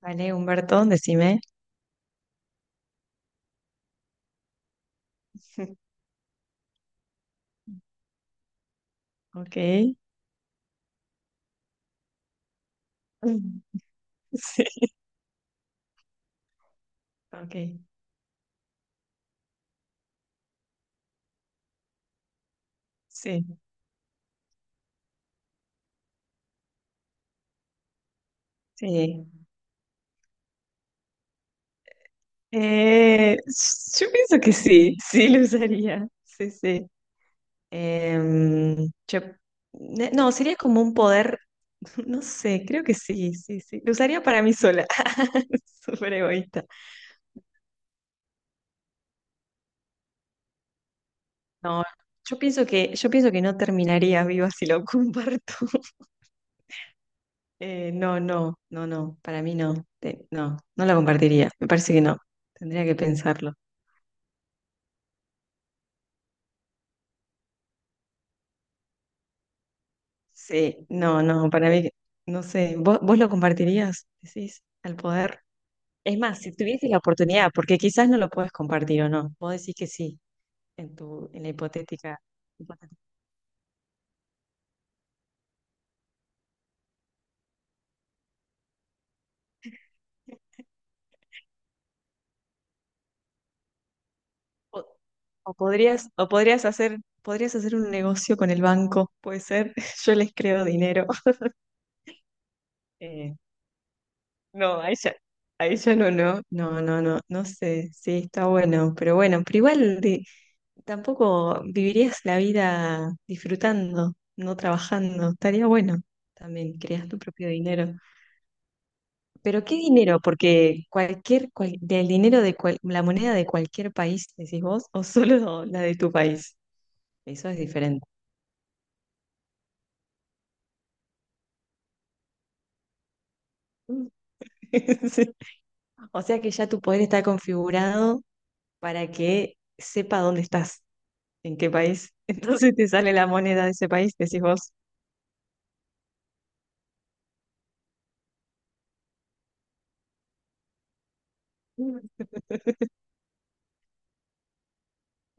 Vale, Humberto, decime. Ok. Mm. Sí. Ok. Sí. Sí. Eh, yo pienso que sí, sí lo usaría. Sí, sí. Em, yo- no, sería como un poder, no sé, creo que sí, sí, sí. Lo usaría para mí sola. Súper egoísta. No, yo pienso que no terminaría viva si lo comparto. No, no, no, no, para mí no. No, no la compartiría, me parece que no, tendría que pensarlo. Sí, no, no, para mí, no sé, vos lo compartirías, decís, al poder? Es más, si tuvieses la oportunidad, porque quizás no lo puedes compartir o no, vos decís que sí, en la hipotética, hipotética- o, o podrías, o podrías hacer, podrías hacer un negocio con el banco, puede ser, yo les creo dinero. Eh, No, ahí ya no, no, no, no, no, no sé, sí, está bueno, pero igual tampoco vivirías la vida disfrutando, no trabajando, estaría bueno también, creas tu propio dinero. Pero ¿qué dinero? Porque cualquier, cual- del dinero de cual- la moneda de cualquier país, decís vos, o solo la de tu país, eso es diferente. Sí. O sea que ya tu poder está configurado para que sepa dónde estás. En qué país. Entonces te sale la moneda de ese país, decís vos.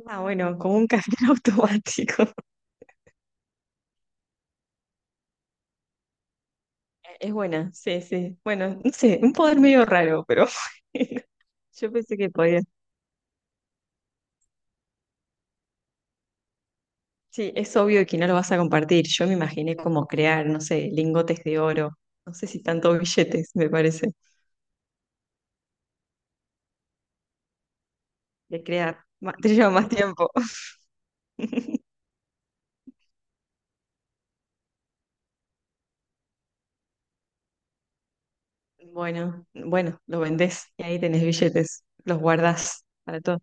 Ah, bueno, como un café automático. Es buena, sí, sí. Bueno, no sé, un poder medio raro, pero yo pensé que podía. Sí, es obvio que no lo vas a compartir. Yo me imaginé como crear, no sé, lingotes de oro. No sé si tanto billetes, me parece. De crear. Te lleva más tiempo. Bueno, bueno, lo vendés y ahí tenés billetes. Los guardás para todo.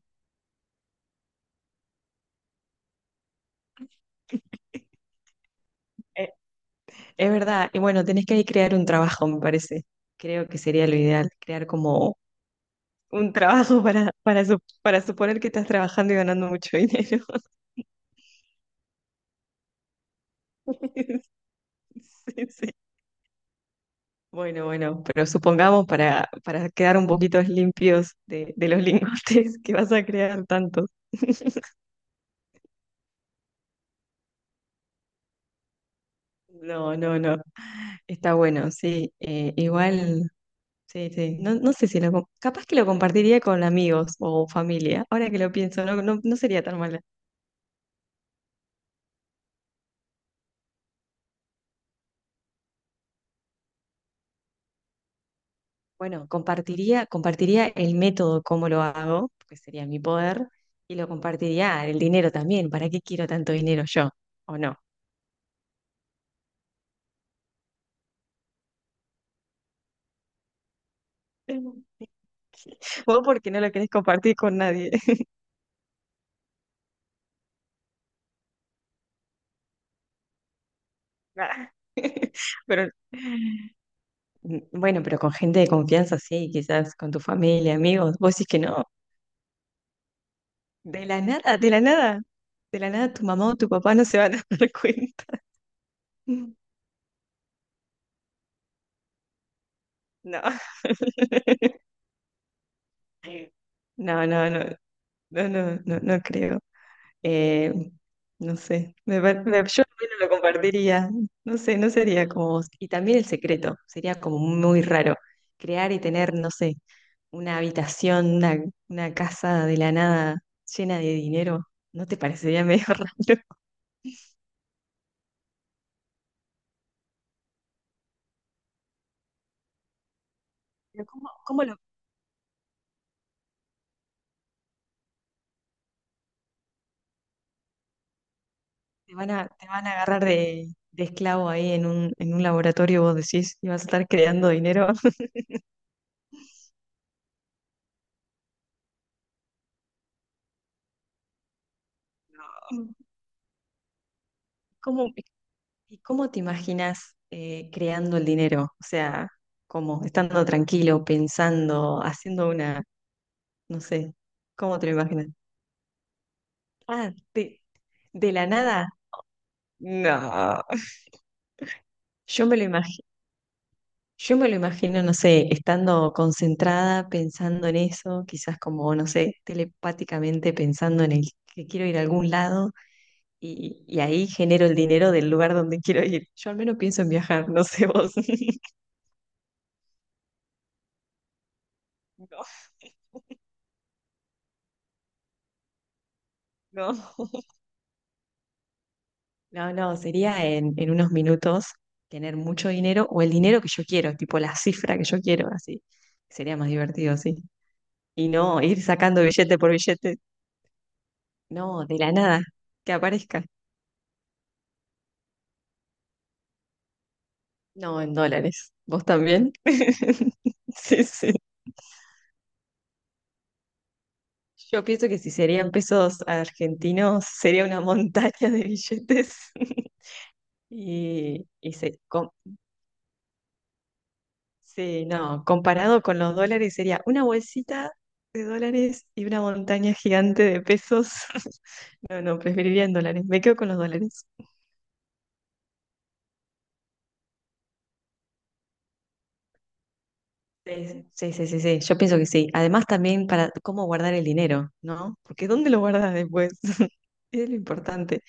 Eh, Es verdad, y bueno, tenés que ahí crear un trabajo, me parece. Creo que sería lo ideal, crear como un trabajo para suponer que estás trabajando y ganando mucho dinero. Sí, sí. Bueno, bueno, pero supongamos para quedar un poquito limpios de los lingotes que vas a crear tantos. No, no, no. Está bueno, sí. Igual, sí, sí. No, no sé si lo... Capaz que lo compartiría con amigos o familia. Ahora que lo pienso, no, no, no sería tan mala. Bueno, compartiría el método, cómo lo hago, que sería mi poder, y lo compartiría el dinero también. ¿Para qué quiero tanto dinero yo? ¿O no? Vos porque no lo querés compartir con nadie. Nah. Pero bueno, pero con gente de confianza, sí, quizás con tu familia, amigos. Vos decís que no. De la nada, de la nada. De la nada tu mamá o tu papá no se van a dar cuenta. No. No, no, no, no, no, no, no creo. Eh, no sé, me par- me- Yo no lo compartiría. No sé, no sería como vos. Y también el secreto, sería como muy raro. Crear y tener, no sé, una habitación, una casa de la nada llena de dinero, ¿no te parecería medio raro? Pero ¿cómo lo, te van a agarrar de esclavo ahí en un laboratorio? Vos decís, y vas a estar creando dinero. ¿Cómo, ¿Y cómo te imaginas creando el dinero? O sea, como estando tranquilo, pensando, haciendo una, no sé, ¿cómo te lo imaginas? Ah, de, de la nada. No. Yo me lo imagino, yo me lo imagino, no sé, estando concentrada, pensando en eso, quizás como, no sé, telepáticamente pensando en el que quiero ir a algún lado y ahí genero el dinero del lugar donde quiero ir. Yo al menos pienso en viajar, no sé vos. No, no. No, no, sería en unos minutos tener mucho dinero o el dinero que yo quiero, tipo la cifra que yo quiero, así. Sería más divertido, sí. Y no ir sacando billete por billete. No, de la nada, que aparezca. No, en dólares. ¿Vos también? Sí, sí. Yo pienso que si serían pesos argentinos, sería una montaña de billetes. Y, y se, com- Sí, no, comparado con los dólares sería una bolsita de dólares y una montaña gigante de pesos. No, no, preferiría en dólares. Me quedo con los dólares. Sí, sí, sí, sí, sí, yo pienso que sí. Además también para cómo guardar el dinero, ¿no? Porque ¿dónde lo guardas después? Es lo importante.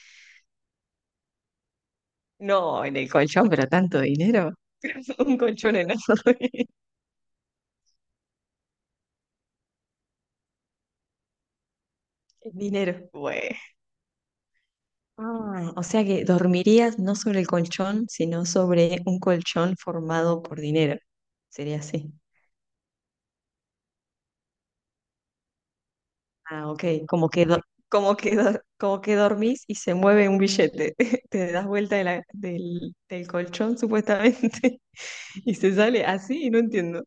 No, en el colchón, pero tanto dinero. Un colchón enorme. Dinero. Bueno. Ah, o sea que dormirías no sobre el colchón, sino sobre un colchón formado por dinero. Sería así. Ah, ok. Como que dormís y se mueve un billete. Te das vuelta del colchón, supuestamente, y se sale así, no entiendo.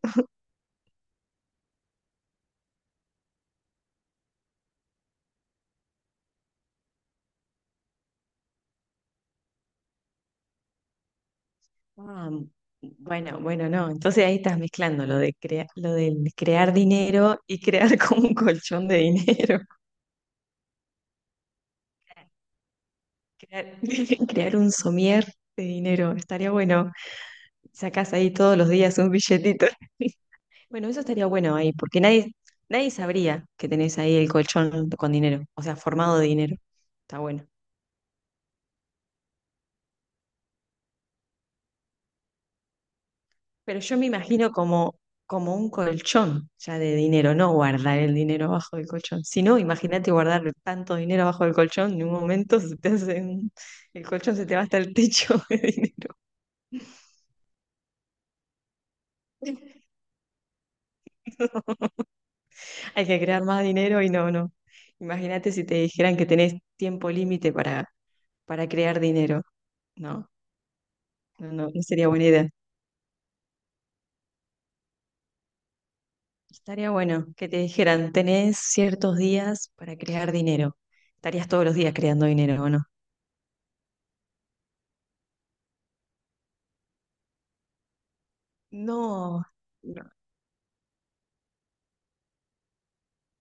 Ah, bueno, bueno, no. Entonces ahí estás mezclando lo de lo del crear dinero y crear como un colchón de dinero. Crear, crear un somier de dinero. Estaría bueno. Sacás ahí todos los días un billetito. Bueno, eso estaría bueno ahí, porque nadie, nadie sabría que tenés ahí el colchón con dinero, o sea, formado de dinero. Está bueno. Pero yo me imagino como, como un colchón ya de dinero, no guardar el dinero abajo del colchón. Si no, imagínate guardar tanto dinero abajo del colchón, en un momento se te hace un- el colchón se te va hasta el techo de dinero. Hay que crear más dinero y no, no. Imagínate si te dijeran que tenés tiempo límite para crear dinero. No, no, no no sería buena idea. Estaría bueno que te dijeran, tenés ciertos días para crear dinero. Estarías todos los días creando dinero, ¿o no? No, no,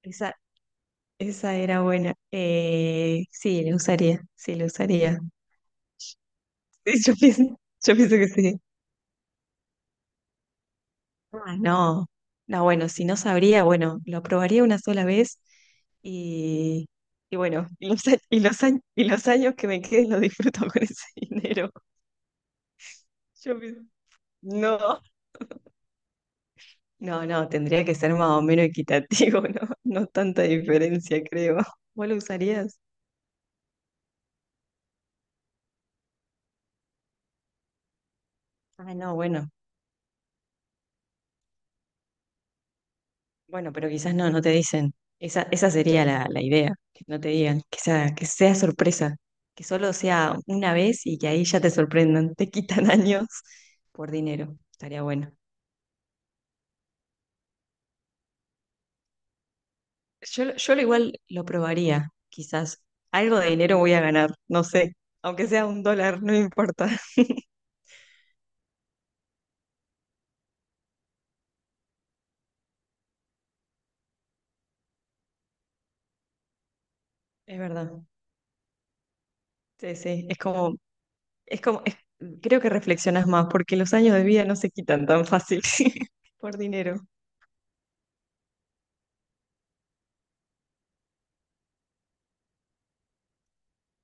esa, esa era buena. Sí, la usaría, sí, la usaría. Sí, yo pienso que sí. Ah, no, no, bueno, si no sabría, bueno, lo probaría una sola vez y, y los años que me queden los disfruto con ese dinero. Yo pienso, no. No, no, tendría que ser más o menos equitativo, ¿no? No tanta diferencia, creo. ¿Vos lo usarías? Ah, no, bueno. Bueno, pero quizás no, no te dicen. Esa sería la idea, que no te digan, que sea sorpresa, que solo sea una vez y que ahí ya te sorprendan, te quitan años por dinero. Estaría bueno. Yo lo igual lo probaría, quizás. Algo de dinero voy a ganar, no sé. Aunque sea un dólar, no importa. Es verdad. Sí, sí. Es como, es como, creo que reflexionas más porque los años de vida no se quitan tan fácil por dinero.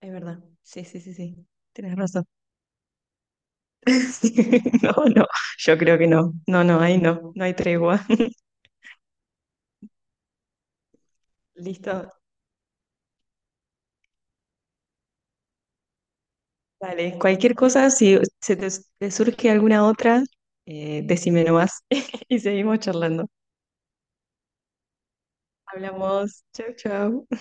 Es verdad. Sí, sí, sí, sí. Tienes razón. No, no, yo creo que no. No, no, ahí no, no hay tregua. Listo, vale. Cualquier cosa, si se te, te surge alguna otra, decime nomás y seguimos charlando. Hablamos. Chau, chau.